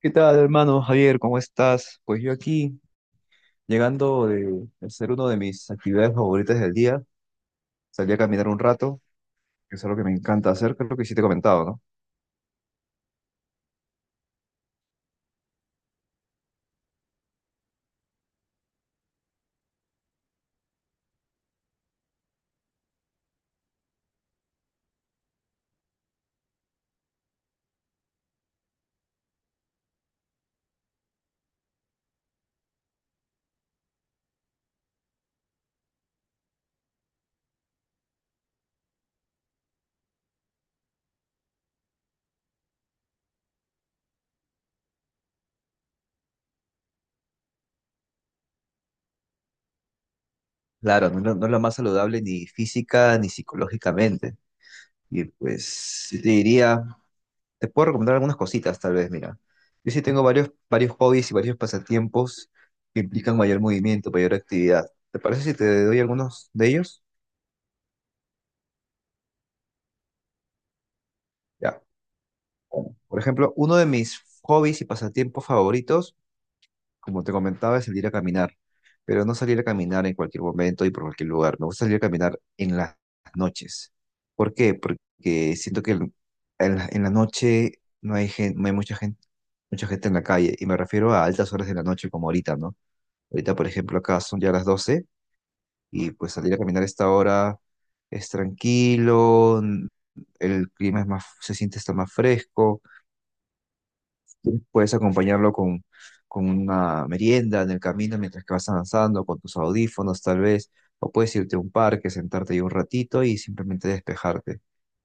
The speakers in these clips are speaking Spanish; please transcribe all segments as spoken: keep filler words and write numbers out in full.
¿Qué tal, hermano Javier? ¿Cómo estás? Pues yo aquí, llegando de hacer una de mis actividades favoritas del día, salí a caminar un rato, que es algo que me encanta hacer, que es lo que sí te he comentado, ¿no? Claro, no, es la no es la más saludable ni física ni psicológicamente. Y pues sí te diría, te puedo recomendar algunas cositas, tal vez, mira. Yo sí tengo varios, varios hobbies y varios pasatiempos que implican mayor movimiento, mayor actividad. ¿Te parece si te doy algunos de ellos? Ya. Por ejemplo, uno de mis hobbies y pasatiempos favoritos como te comentaba, es salir a caminar, pero no salir a caminar en cualquier momento y por cualquier lugar. Me gusta salir a caminar en las noches. ¿Por qué? Porque siento que el- en la, en la noche no hay gen- no hay mucha gente, mucha gente en la calle. Y me refiero a altas horas de la noche como ahorita, ¿no? Ahorita, por ejemplo, acá son ya las doce y pues salir a caminar a esta hora es tranquilo, n- el clima es más, se siente está más fresco. Puedes acompañarlo con, con una merienda en el camino mientras que vas avanzando, con tus audífonos tal vez, o puedes irte a un parque, sentarte ahí un ratito y simplemente despejarte.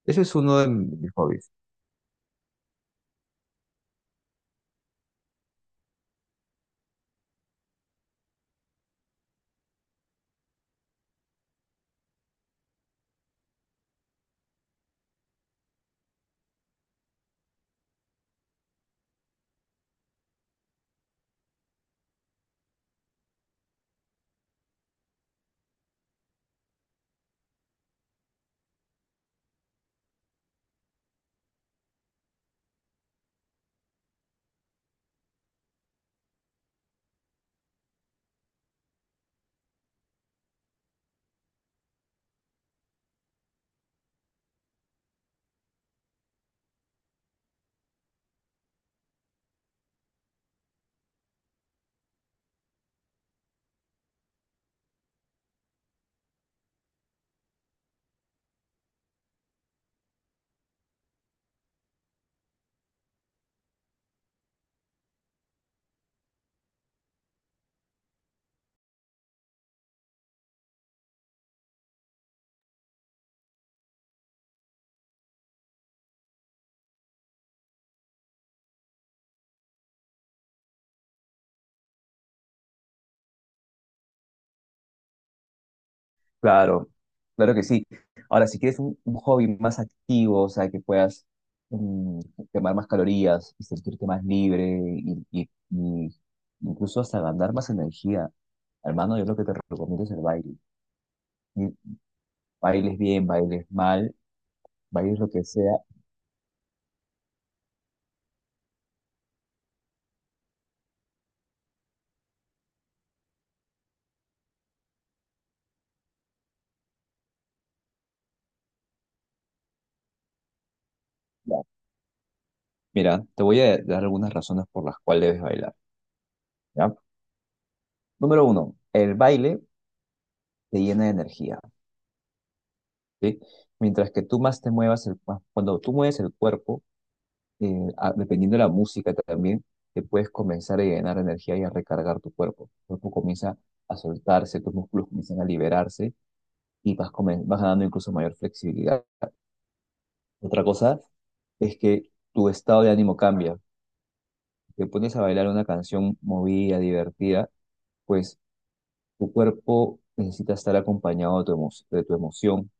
Eso es uno de mis hobbies. Claro, claro que sí. Ahora, si quieres un, un hobby más activo, o sea, que puedas mm, quemar más calorías y sentirte más libre y, y- y incluso hasta ganar más energía, hermano, yo lo que te recomiendo es el baile. Mm, Bailes bien, bailes mal, bailes lo que sea. Mira, te voy a dar algunas razones por las cuales debes bailar, ¿ya? Número uno, el baile te llena de energía, ¿sí? Mientras que tú más te muevas, el, más- cuando tú mueves el cuerpo, eh, a- dependiendo de la música también, te puedes comenzar a llenar de energía y a recargar tu cuerpo. Tu cuerpo comienza a soltarse, tus músculos comienzan a liberarse y vas, comen- vas ganando incluso mayor flexibilidad. Otra cosa es que tu estado de ánimo cambia. Si te pones a bailar una canción movida, divertida, pues tu cuerpo necesita estar acompañado de tu, emo- de tu emoción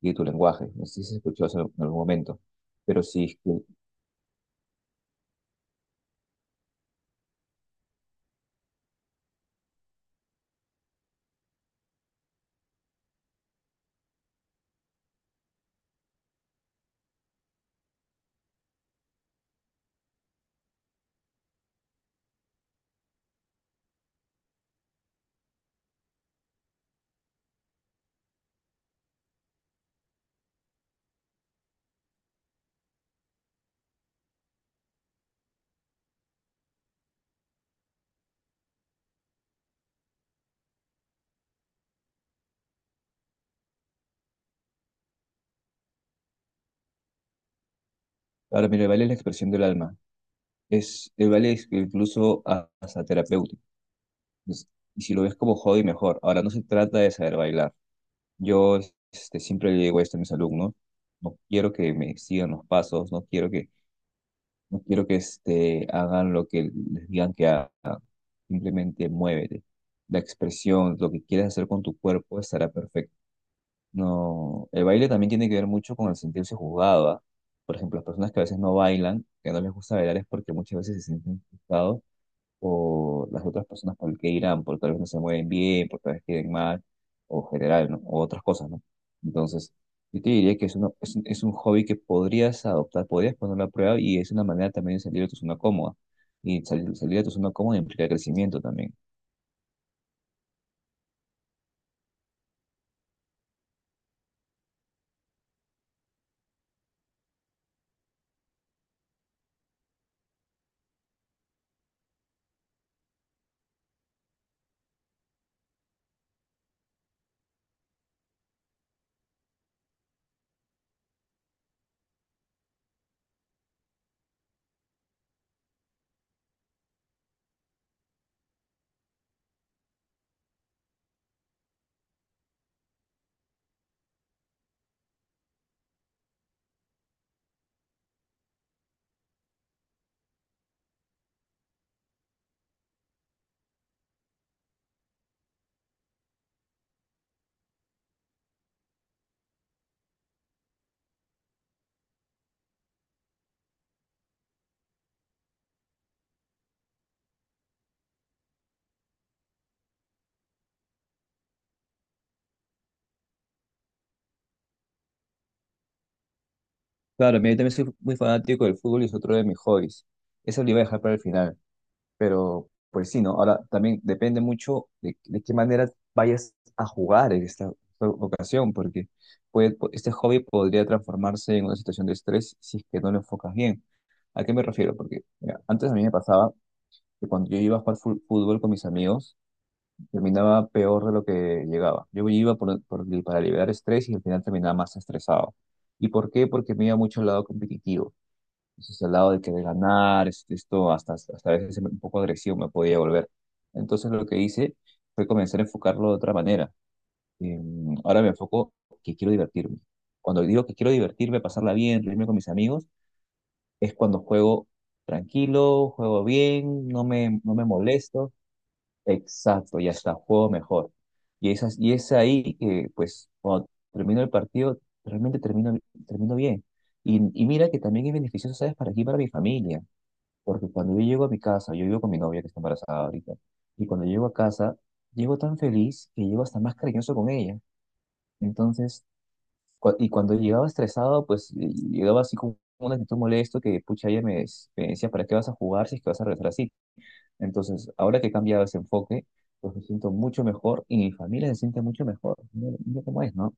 y de tu lenguaje. No sé si se escuchó eso en algún momento, pero sí. es que- Ahora, mira, el baile es la expresión del alma. Es, el baile es incluso a- hasta terapéutico. Es- y si lo ves como hobby, mejor. Ahora, no se trata de saber bailar. Yo este, siempre le digo esto a mis alumnos. No quiero que me sigan los pasos, no quiero que, no quiero que este, hagan lo que les digan que hagan. Simplemente muévete. La expresión, lo que quieres hacer con tu cuerpo estará perfecto. No, el baile también tiene que ver mucho con el sentirse juzgado, ¿ah? Por ejemplo, las personas que a veces no bailan, que no les gusta bailar es porque muchas veces se sienten juzgados por las otras personas por el que irán, por tal vez no se mueven bien, por tal vez queden mal, o general, ¿no? O otras cosas, ¿no? Entonces, yo te diría que es, una- es, un es un hobby que podrías adoptar, podrías ponerlo a prueba y es una manera también de salir de tu zona cómoda. Y salir, salir de tu zona cómoda implica crecimiento también. Claro, mira, yo también soy muy fanático del fútbol y es otro de mis hobbies. Es el Pero pues sí, ¿no? Ahora también depende mucho de, de qué manera vayas a jugar en esta, esta ocasión, porque puede, po- este hobby podría transformarse en una situación de estrés si es que no lo enfocas bien. ¿A qué me refiero? Porque mira, antes a mí me pasaba que cuando yo iba a jugar fu- fútbol con mis amigos, terminaba peor de lo que llegaba. Yo iba por- por- para liberar estrés y al final terminaba más estresado. ¿Y por qué? Porque me iba mucho al lado competitivo entonces, al lado de querer ganar, este, esto hasta, hasta a veces un poco agresivo me podía volver. Entonces, lo que hice fue comenzar a enfocarlo de otra manera. Eh, ahora me enfoco que quiero divertirme. Cuando digo que quiero divertirme, pasarla bien, reírme con mis amigos, es cuando juego tranquilo, juego bien, no me, no me molesto. Exacto, y hasta juego mejor. Y, esas, y es ahí que, pues, cuando termino el partido, realmente termino, termino bien. Y, y mira que también es beneficioso, ¿sabes? Para aquí, para mi familia. Porque cuando yo llego a mi casa, yo vivo con mi novia que está embarazada ahorita, y cuando llego a casa, llego tan feliz que llego hasta más cariñoso con ella. Entonces, cua- y cuando llegaba estresado, pues y- llegaba así como una actitud molesto que, pucha, ella me, des- me decía, ¿para qué vas a jugar si es que vas a regresar así? Entonces, ahora que he cambiado ese enfoque, pues me siento mucho mejor y mi familia se siente mucho mejor. Mira, mira cómo es, ¿no?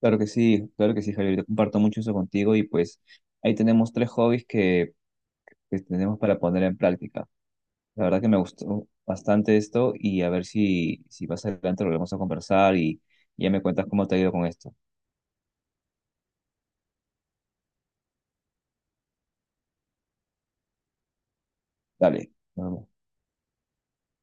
Claro que sí, claro que sí, Javier, yo comparto mucho eso contigo y pues ahí tenemos tres hobbies que, que tenemos para poner en práctica. La verdad que me gustó bastante esto y a ver si, si más adelante volvemos a conversar y ya me cuentas cómo te ha ido con esto. Dale. nos vemos.